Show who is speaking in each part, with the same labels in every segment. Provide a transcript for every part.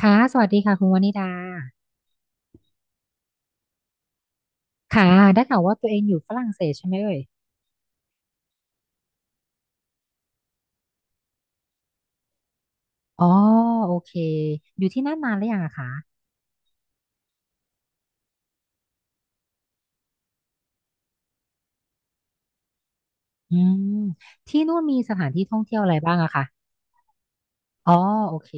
Speaker 1: ค่ะสวัสดีค่ะคุณวนิดาค่ะได้ข่าวว่าตัวเองอยู่ฝรั่งเศสใช่ไหมเอ่ยอ๋อโอเคอยู่ที่นั่นนานหรือยังอะคะอืมที่นู่นมีสถานที่ท่องเที่ยวอะไรบ้างอะคะอ๋อโอเค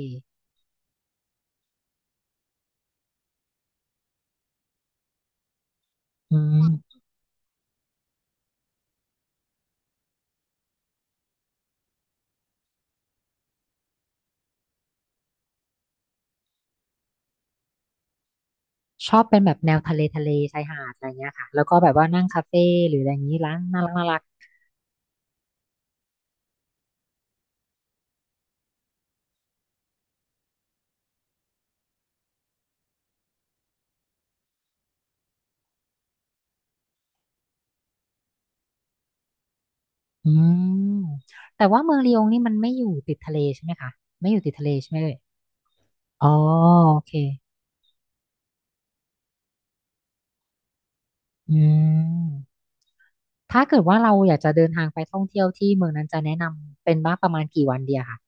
Speaker 1: อืมชอบเป็นแบบแนวทะเลทะเลชายหาดอะไรเงี้ยค่ะแล้วก็แบบว่านั่งคาเฟ่หรืออะไรอย่างนี้ร้านน่ารักน่ารักอืมแต่ว่าเมืองลียงนี่มันไม่อยู่ติดทะเลใช่ไหมคะไม่อยู่ติดทะเลใช่ไหมเอ่ยอ๋อโอเคอืม ถ้าเกิดว่าเราอยากจะเดินทางไปท่องเที่ยวที่เมืองนั้นจะแนะนำเป็นว่าประมาณกี่วันเดียค่ะ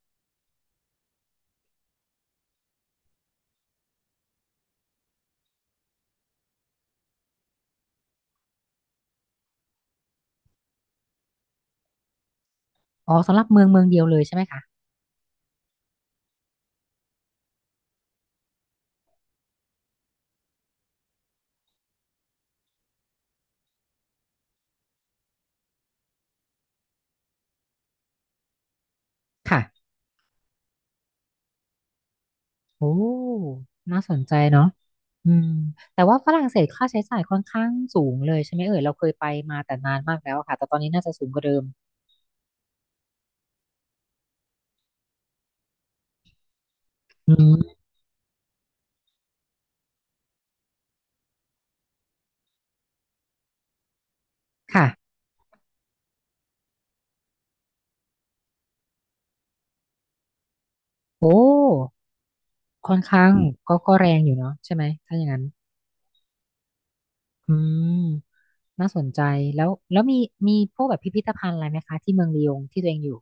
Speaker 1: อ๋อสำหรับเมืองเมืองเดียวเลยใช่ไหมคะค่ะโอ้น่าสนใจเนาะอืมแต่ว่าฝรั่งเศสค่าใช้จ่ายค่อนข้างสูงเลยใช่ไหมเอ่ยเราเคยไปมาแต่นานมากแล้วอะค่ะแต่ตอนนี้น่าจะสูงกว่าเดิมอืมค่ะโอ้ค่อนข้างก็แรงอยู่เนาะใช่ไหมถ้าอย่างนั้นอืมน่าสนใจแล้วมีมีพวกแบบพิพิธภัณฑ์อะไรไหมคะที่เมืองลียงที่ตัวเองอยู่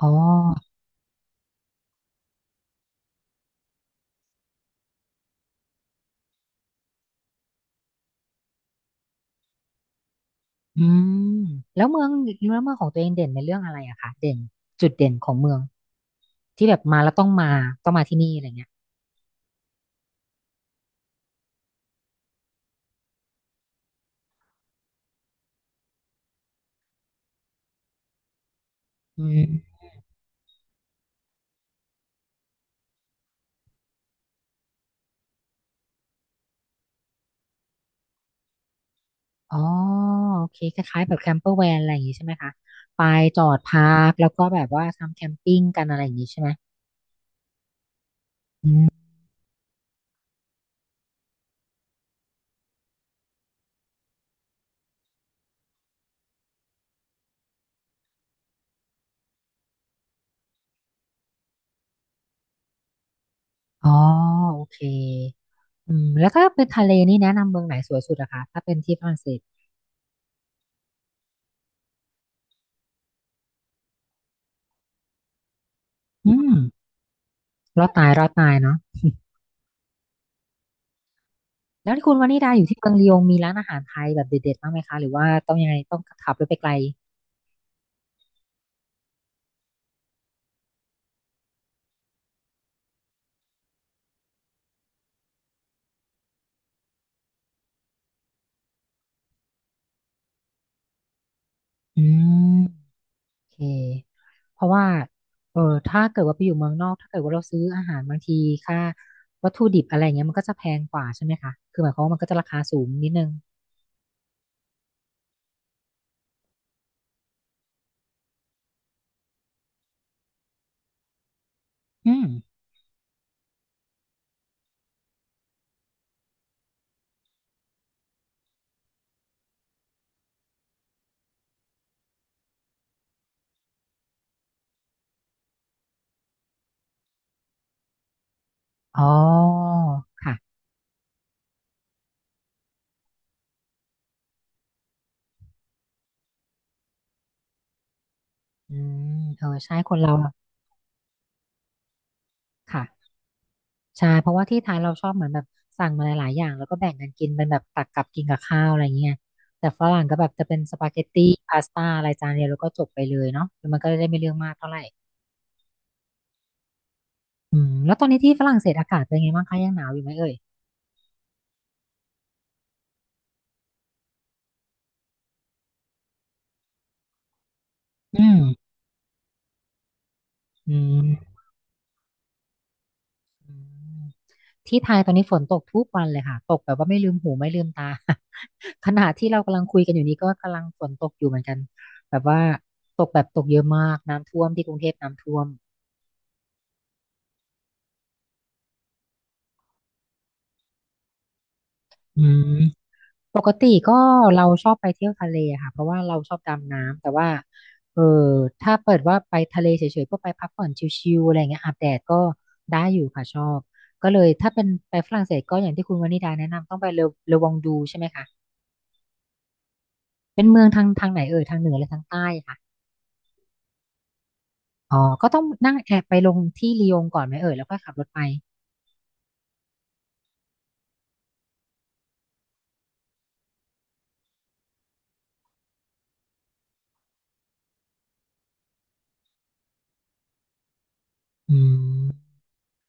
Speaker 1: อ๋อ อืมแล้วเมืองแล้วเมืองของตัวเองเด่นในเรื่องอะไรอะคะเด่นจุดเด่นของเมืองที่แบบมาแล้วต้องมาต้องมาที่นี่อะไรเงี้ยอืมอ๋อโอเคคล้ายๆแบบแคมเปอร์แวนอะไรอย่างงี้ใช่ไหมคะไปจอดพักแล้วก็แบบว่าทำแคมปิ้งกันอะไรอย่างงี้ใช่ไหมอืมอ๋อโอเคอืมแล้วถ้าเป็นทะเลนี่แนะนำเมืองไหนสวยสุดอะคะถ้าเป็นที่ฝรั่งเศสอืมรอดตายรอดตายเนาะแล้วที่คุณวานิดาอยู่ที่เมืองลียงมีร้านอาหารไทยแบบเด็ดๆบ้างไหมคะหรือว่าต้องยังไงต้องขับรถไปไกลอืม เคเพราะว่าเออถ้าเกิดว่าไปอยู่เมืองนอกถ้าเกิดว่าเราซื้ออาหารบางทีค่าวัตถุดิบอะไรเงี้ยมันก็จะแพงกว่าใช่ไหมคะคือหมายความว่ามันก็จะราคาสูงนิดนึงอืมอ๋อค่ะอืมเออใช่คนเราอะค่ะใช่เพราะว่าที่ไทยเราชอบเหมือนแบบสั่งมาหลายๆอย่างแล้วก็แบ่งกันกินเป็นแบบตักกับกินกับข้าวอะไรเงี้ยแต่ฝรั่งก็แบบจะเป็นสปาเกตตี้พาสต้าอะไรจานเดียวแล้วก็จบไปเลยเนาะ้วมันก็จะได้ไม่เรื่องมากเท่าไหร่อืมแล้วตอนนี้ที่ฝรั่งเศสอากาศเป็นไงบ้างคะยังหนาวอยู่ไหมเอ่ยอืม อืมอืมที่ไทยตอนนี้ฝนตกทุกวันเลยค่ะตกแบบว่าไม่ลืมหูไม่ลืมตา ขณะที่เรากำลังคุยกันอยู่นี้ก็กำลังฝนตกอยู่เหมือนกันแบบว่าตกแบบตกเยอะมากน้ำท่วมที่กรุงเทพน้ำท่วมอืมปกติก็เราชอบไปเที่ยวทะเลอะค่ะเพราะว่าเราชอบดำน้ำแต่ว่าเออถ้าเปิดว่าไปทะเลเฉยๆก็ไปพักผ่อนชิลๆอะไรเงี้ยอาบแดดก็ได้อยู่ค่ะชอบก็เลยถ้าเป็นไปฝรั่งเศสก็อย่างที่คุณวนิดาแนะนำต้องไปเลอเลอวองดูใช่ไหมคะ เป็นเมืองทางทางไหนเอ่ยทางเหนือหรือทางใต้ค่ะอ๋อก็ต้องนั่งแอบไปลงที่ลียงก่อนไหมเอ่ยแล้วค่อยขับรถไปอืม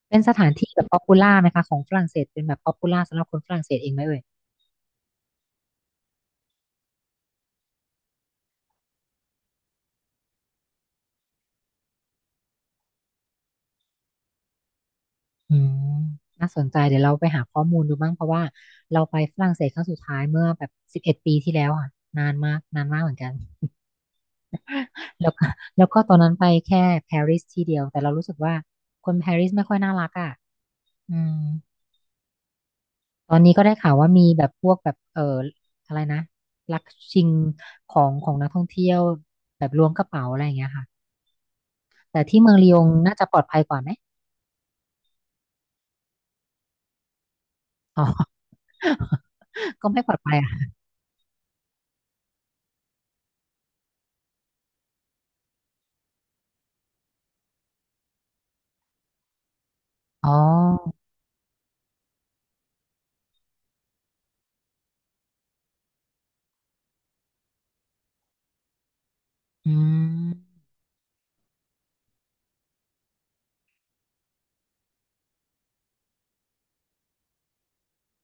Speaker 1: เป็นสถานที่แบบป๊อปปูล่าไหมคะของฝรั่งเศสเป็นแบบป๊อปปูล่าสำหรับคนฝรั่งเศสเองไหมเอ่ยอืมน่าสนใจเดี๋ยวเราไปหาข้อมูลดูบ้างเพราะว่าเราไปฝรั่งเศสครั้งสุดท้ายเมื่อแบบ11 ปีที่แล้วอ่ะนานมากนานมากเหมือนกันแล้วก็ แล้วก็ตอนนั้นไปแค่ปารีสที่เดียวแต่เรารู้สึกว่าคนปารีสไม่ค่อยน่ารักอ่ะอืม ตอนนี้ก็ได้ข่าวว่ามีแบบพวกแบบอะไรนะลักชิงของของนักท่องเที่ยวแบบล้วงกระเป๋าอะไรอย่างเงี้ยค่ะแต่ที่เมืองลียงน่าจะปลอดภัยกว่าไหมอ๋อ ก็ไม่ปลอดภัยอ่ะอ๋ออืม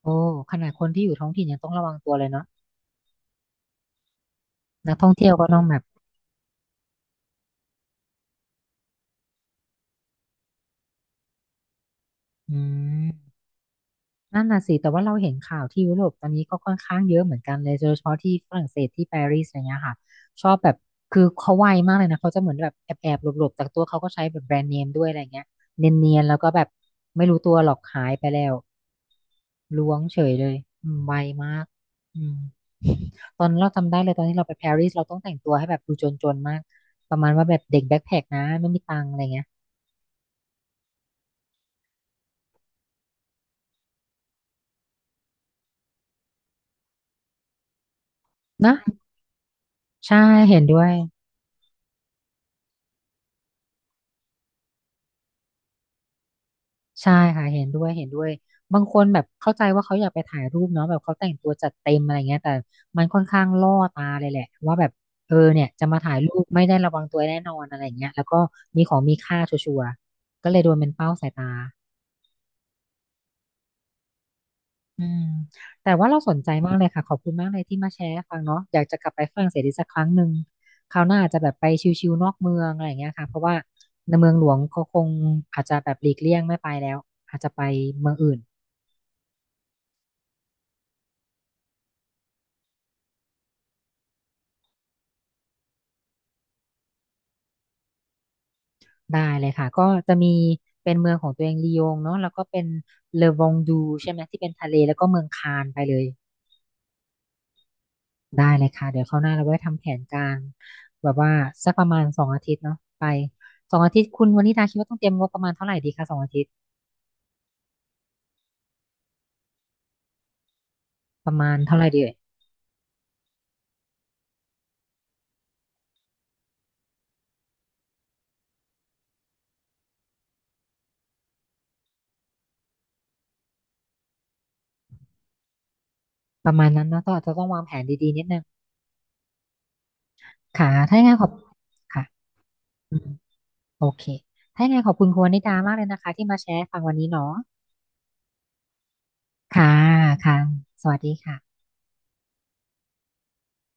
Speaker 1: โอ้ขนาดคนที่อยู่ท้องถิ่นยังต้องระวังตัวเลยเนาะนักท่องเที่ยวก็ต้องแบบอืม นั่นน่ะสิแต่ว่าเราเห็นข่าวที่ยุโรปตอนนี้ก็ค่อนข้างเยอะเหมือนกันเลยโดยเฉพาะที่ฝรั่งเศสที่ปารีสอะไรเงี้ยค่ะชอบแบบคือเขาไวมากเลยนะเขาจะเหมือนแบบแอบหลบๆบแต่ตัวเขาก็ใช้แบบแบรนด์เนมด้วยอะไรเงี้ยเนียนๆแล้วก็แบบไม่รู้ตัวหรอกหายไปแล้วล้วงเฉยเลยอืมไวมากอืมตอนนั้นเราจำได้เลยตอนที่เราไปปารีสเราต้องแต่งตัวให้แบบดูจนๆมากประมาณว่าแบบเด็กแบ็คแพ็คนะไม่มีตังค์อะไรเงี้ยนะใช่เห็นด้วย ใช่ค่ะเห็นด้วยเห็นด้วยบางคนแบบเข้าใจว่าเขาอยากไปถ่ายรูปเนาะแบบเขาแต่งตัวจัดเต็มอะไรเงี้ยแต่มันค่อนข้างล่อตาเลยแหละว่าแบบเออเนี่ยจะมาถ่ายรูปไม่ได้ระวังตัวแน่นอนอะไรเงี้ยแล้วก็มีของมีค่าชัวร์ๆก็เลยโดนเป็นเป้าสายตาแต่ว่าเราสนใจมากเลยค่ะขอบคุณมากเลยที่มาแชร์ให้ฟังเนาะอยากจะกลับไปฝรั่งเศสอีกสักครั้งหนึ่งคราวหน้าอาจจะแบบไปชิลๆนอกเมืองอะไรเงี้ยค่ะเพราะว่าในเมืองหลวงเขาคงอาจจะแบบหลีกเลี่ยงไม่ไปแล้วอาจจะไปเมืองอื่น ได้เลยค่ะก็จะมีเป็นเมืองของตัวเองลียงเนาะแล้วก็เป็นเลอวองดูใช่ไหมที่เป็นทะเลแล้วก็เมืองคานไปเลยได้เลยค่ะเดี๋ยวคราวหน้าเราไว้ทำแผนการแบบว่าสักประมาณสองอาทิตย์เนาะไปสองอาทิตย์คุณวันนี้ดาคิดว่าต้องเตรียมงบประมาณเท่าไหร่ดีคะสองอาทิตย์ประมาณเท่าไหร่ดีเอ่ยประมาณนั้นเนาะต้องอาจจะต้องวางแผนดีๆนิดนึงค่ะถ้ายังไงขอบค่ะอืมโอเคถ้ายังไงขอบคุณคุณวนิดามากเลยนะคะที่มาแชร์ให้ฟังวันนี้เนาะค่ะค่ะสวัสดีค่ะ